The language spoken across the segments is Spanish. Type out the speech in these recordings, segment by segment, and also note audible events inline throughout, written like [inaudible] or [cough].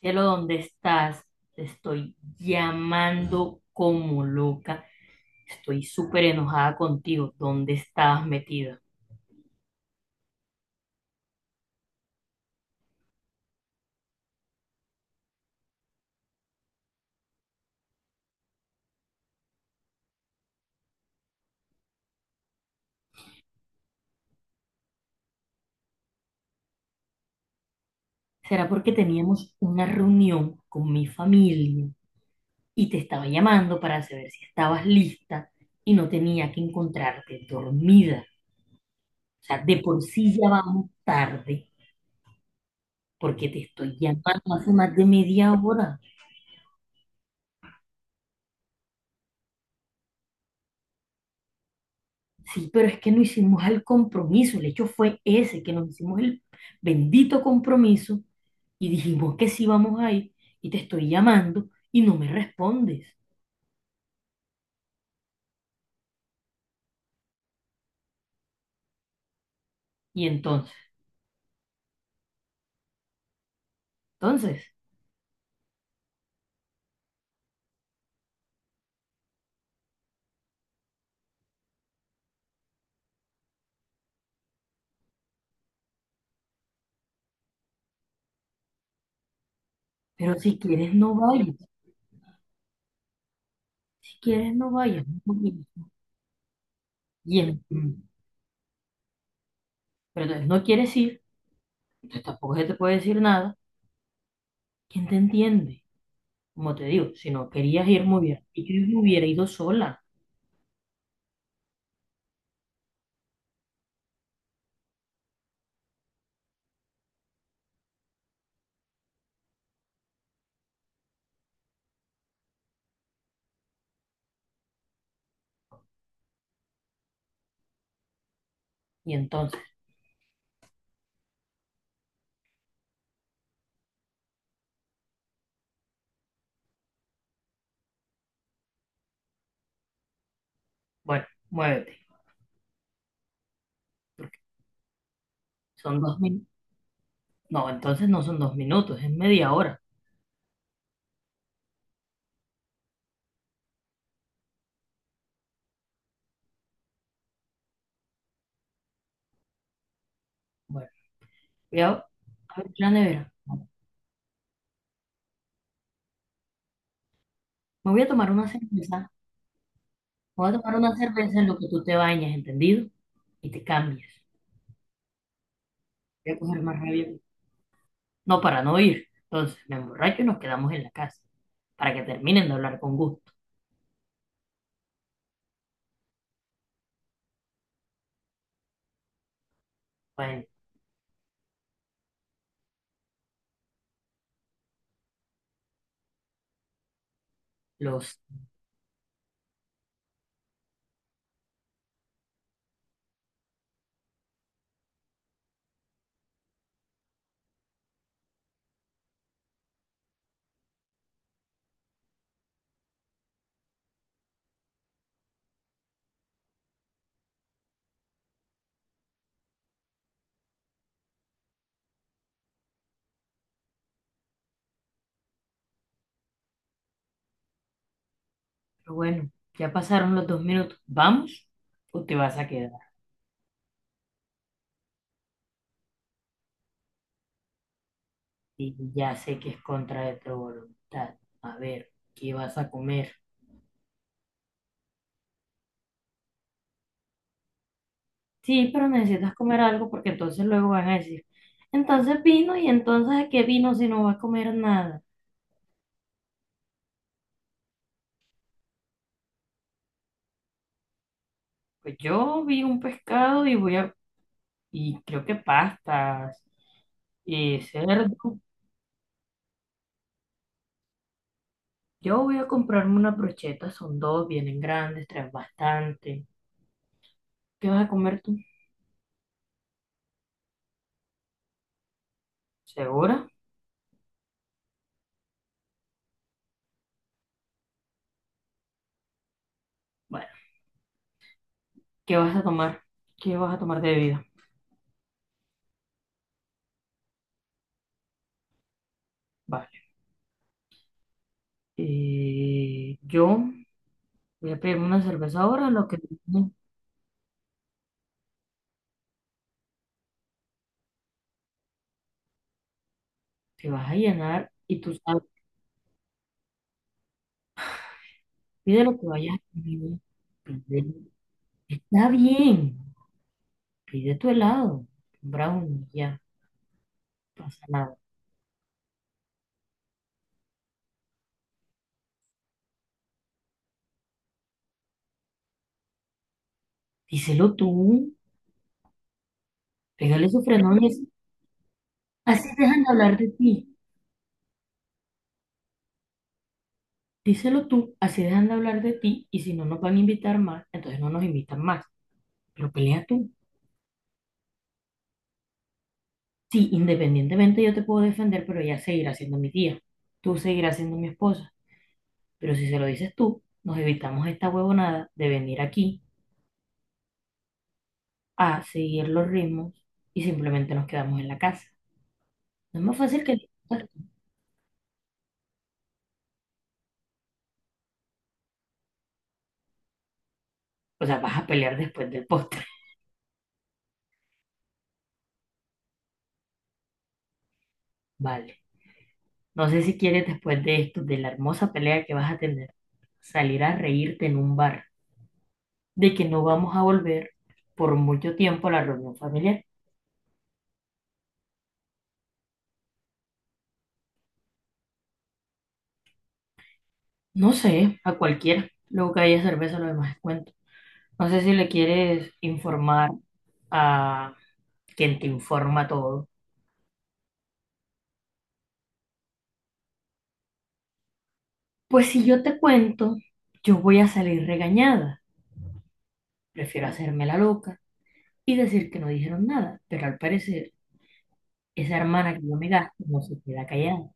Cielo, ¿dónde estás? Te estoy llamando como loca. Estoy súper enojada contigo. ¿Dónde estabas metida? ¿Será porque teníamos una reunión con mi familia y te estaba llamando para saber si estabas lista y no tenía que encontrarte dormida? O sea, de por sí ya vamos tarde porque te estoy llamando hace más de media hora. Sí, pero es que no hicimos el compromiso, el hecho fue ese, que nos hicimos el bendito compromiso y dijimos que sí vamos a ir y te estoy llamando y no me respondes. Y entonces, pero si quieres no vayas, si quieres no vayas. No vayas. Y en- pero entonces no quieres ir, entonces tampoco se te puede decir nada. ¿Quién te entiende? Como te digo, si no querías ir, muy bien. Y yo hubiera ido sola. Y entonces, bueno, muévete, porque son 2 minutos. No, entonces no son 2 minutos, es media hora. Bueno, voy a abrir la nevera. Me voy a tomar una cerveza. Me voy a tomar una cerveza en lo que tú te bañas, ¿entendido? Y te cambias. Voy a coger más rabia. No, para no ir. Entonces, me emborracho y nos quedamos en la casa. Para que terminen de hablar con gusto. Bueno, los... pero bueno, ya pasaron los 2 minutos. ¿Vamos o te vas a quedar? Y ya sé que es contra de tu voluntad. A ver, ¿qué vas a comer? Sí, pero necesitas comer algo porque entonces luego van a decir, entonces vino y entonces ¿de qué vino si no va a comer nada? Pues yo vi un pescado y y creo que pastas y cerdo. Yo voy a comprarme unas brochetas, son dos, vienen grandes, traen bastante. ¿Qué vas a comer tú? ¿Segura? Bueno, ¿qué vas a tomar? ¿Qué vas a tomar de bebida? Vale. Yo voy a pedirme una cerveza ahora, lo que te vas a llenar y tú sabes. Pide lo que vayas a pedir. pide- Está bien, pide tu helado, un brownie, ya, no pasa nada. Díselo tú, pégale su frenón y así, así dejan de hablar de ti. Díselo tú, así dejan de hablar de ti y si no nos van a invitar más, entonces no nos invitan más. Pero pelea tú. Sí, independientemente yo te puedo defender, pero ella seguirá siendo mi tía. Tú seguirás siendo mi esposa. Pero si se lo dices tú, nos evitamos esta huevonada de venir aquí a seguir los ritmos y simplemente nos quedamos en la casa. No es más fácil que... el postre. O sea, vas a pelear después del postre. [laughs] Vale. No sé si quieres después de esto, de la hermosa pelea que vas a tener, salir a reírte en un bar, de que no vamos a volver por mucho tiempo a la reunión familiar. No sé, a cualquiera. Luego que haya cerveza, lo demás es cuento. No sé si le quieres informar a quien te informa todo. Pues si yo te cuento, yo voy a salir regañada. Prefiero hacerme la loca y decir que no dijeron nada, pero al parecer esa hermana que yo me gasto no se queda callada.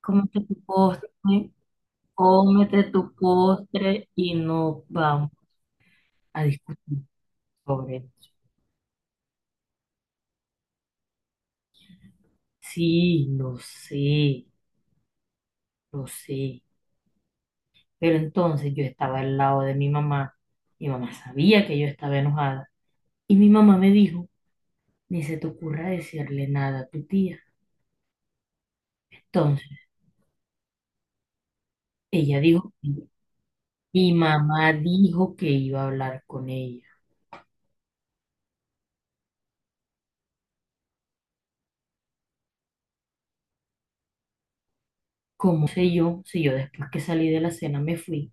Cómete tu postre, cómete tu postre y no vamos a discutir sobre eso. Sí, lo sé, lo sé. Pero entonces yo estaba al lado de mi mamá. Mi mamá sabía que yo estaba enojada. Y mi mamá me dijo, ni se te ocurra decirle nada a tu tía. Entonces, ella dijo, mi mamá dijo que iba a hablar con ella. ¿Cómo sé yo si yo después que salí de la cena me fui?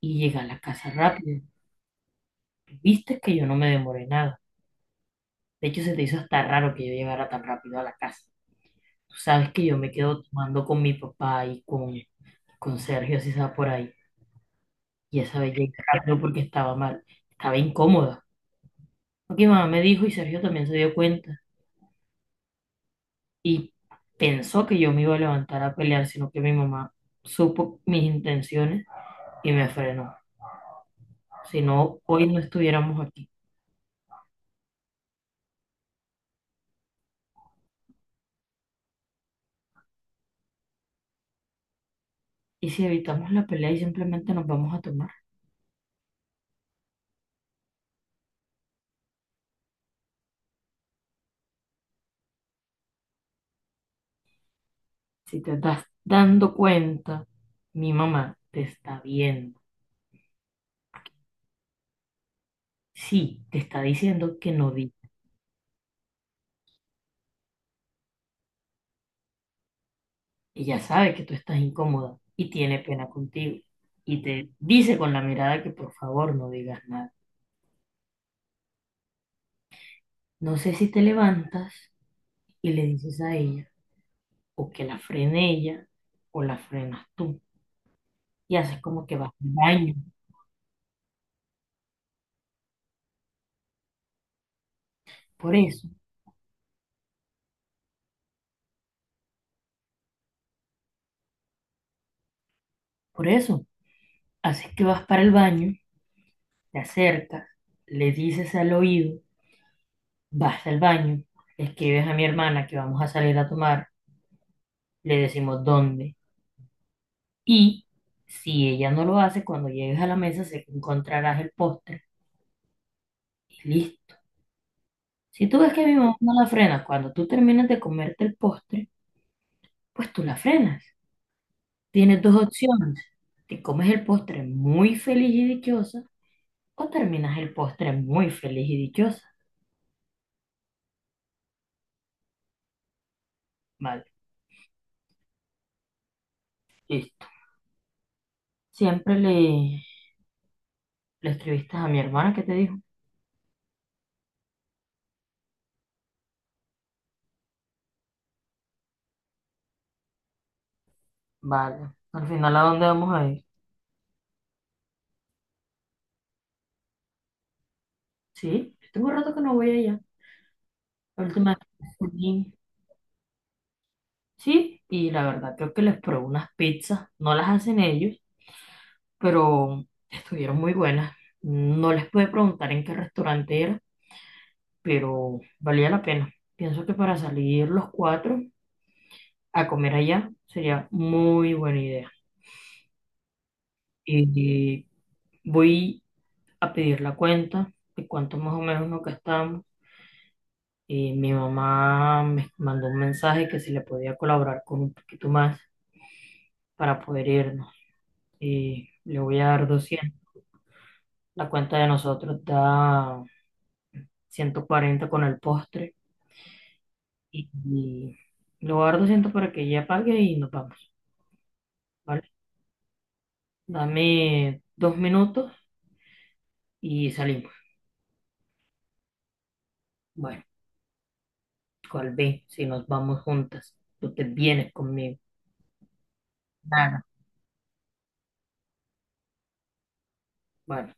Y llegué a la casa rápido. Viste que yo no me demoré nada. De hecho, se te hizo hasta raro que yo llegara tan rápido a la casa. Tú sabes que yo me quedo tomando con mi papá y con Sergio, si estaba por ahí. Y esa vez llegué rápido porque estaba mal. Estaba incómoda. Porque mi mamá me dijo y Sergio también se dio cuenta. Y pensó que yo me iba a levantar a pelear, sino que mi mamá supo mis intenciones y me frenó. Si no, hoy no estuviéramos aquí. ¿Y si evitamos la pelea y simplemente nos vamos a tomar? Si te estás dando cuenta, mi mamá te está viendo. Sí, te está diciendo que no di. Ella sabe que tú estás incómoda y tiene pena contigo. Y te dice con la mirada que por favor no digas nada. No sé si te levantas y le dices a ella, o que la frene ella, o la frenas tú. Y haces como que vas al baño. Por eso, por eso, haces que vas para el baño, te acercas, le dices al oído. Vas al baño, escribes a mi hermana que vamos a salir a tomar, le decimos dónde. Y si ella no lo hace, cuando llegues a la mesa se encontrarás el postre y listo. Si tú ves que mi mamá no la frena, cuando tú terminas de comerte el postre, pues tú la frenas. Tienes dos opciones. Te comes el postre muy feliz y dichosa o terminas el postre muy feliz y dichosa. Vale, listo. Siempre le escribiste a mi hermana que te dijo, vale, al final ¿a dónde vamos a ir? Sí, yo tengo rato que no voy allá. La última vez fui, sí, y la verdad creo que les probé unas pizzas. No las hacen ellos, pero estuvieron muy buenas. No les pude preguntar en qué restaurante era, pero valía la pena. Pienso que para salir los cuatro a comer allá sería muy buena idea. Y voy a pedir la cuenta de cuánto más o menos nos gastamos. Y mi mamá me mandó un mensaje que si le podía colaborar con un poquito más para poder irnos. Y le voy a dar 200. La cuenta de nosotros da 140 con el postre. Y le voy a dar 200 para que ella pague y nos vamos, ¿vale? Dame 2 minutos y salimos. Bueno, cual ve, si nos vamos juntas, tú te vienes conmigo. Nada, bueno.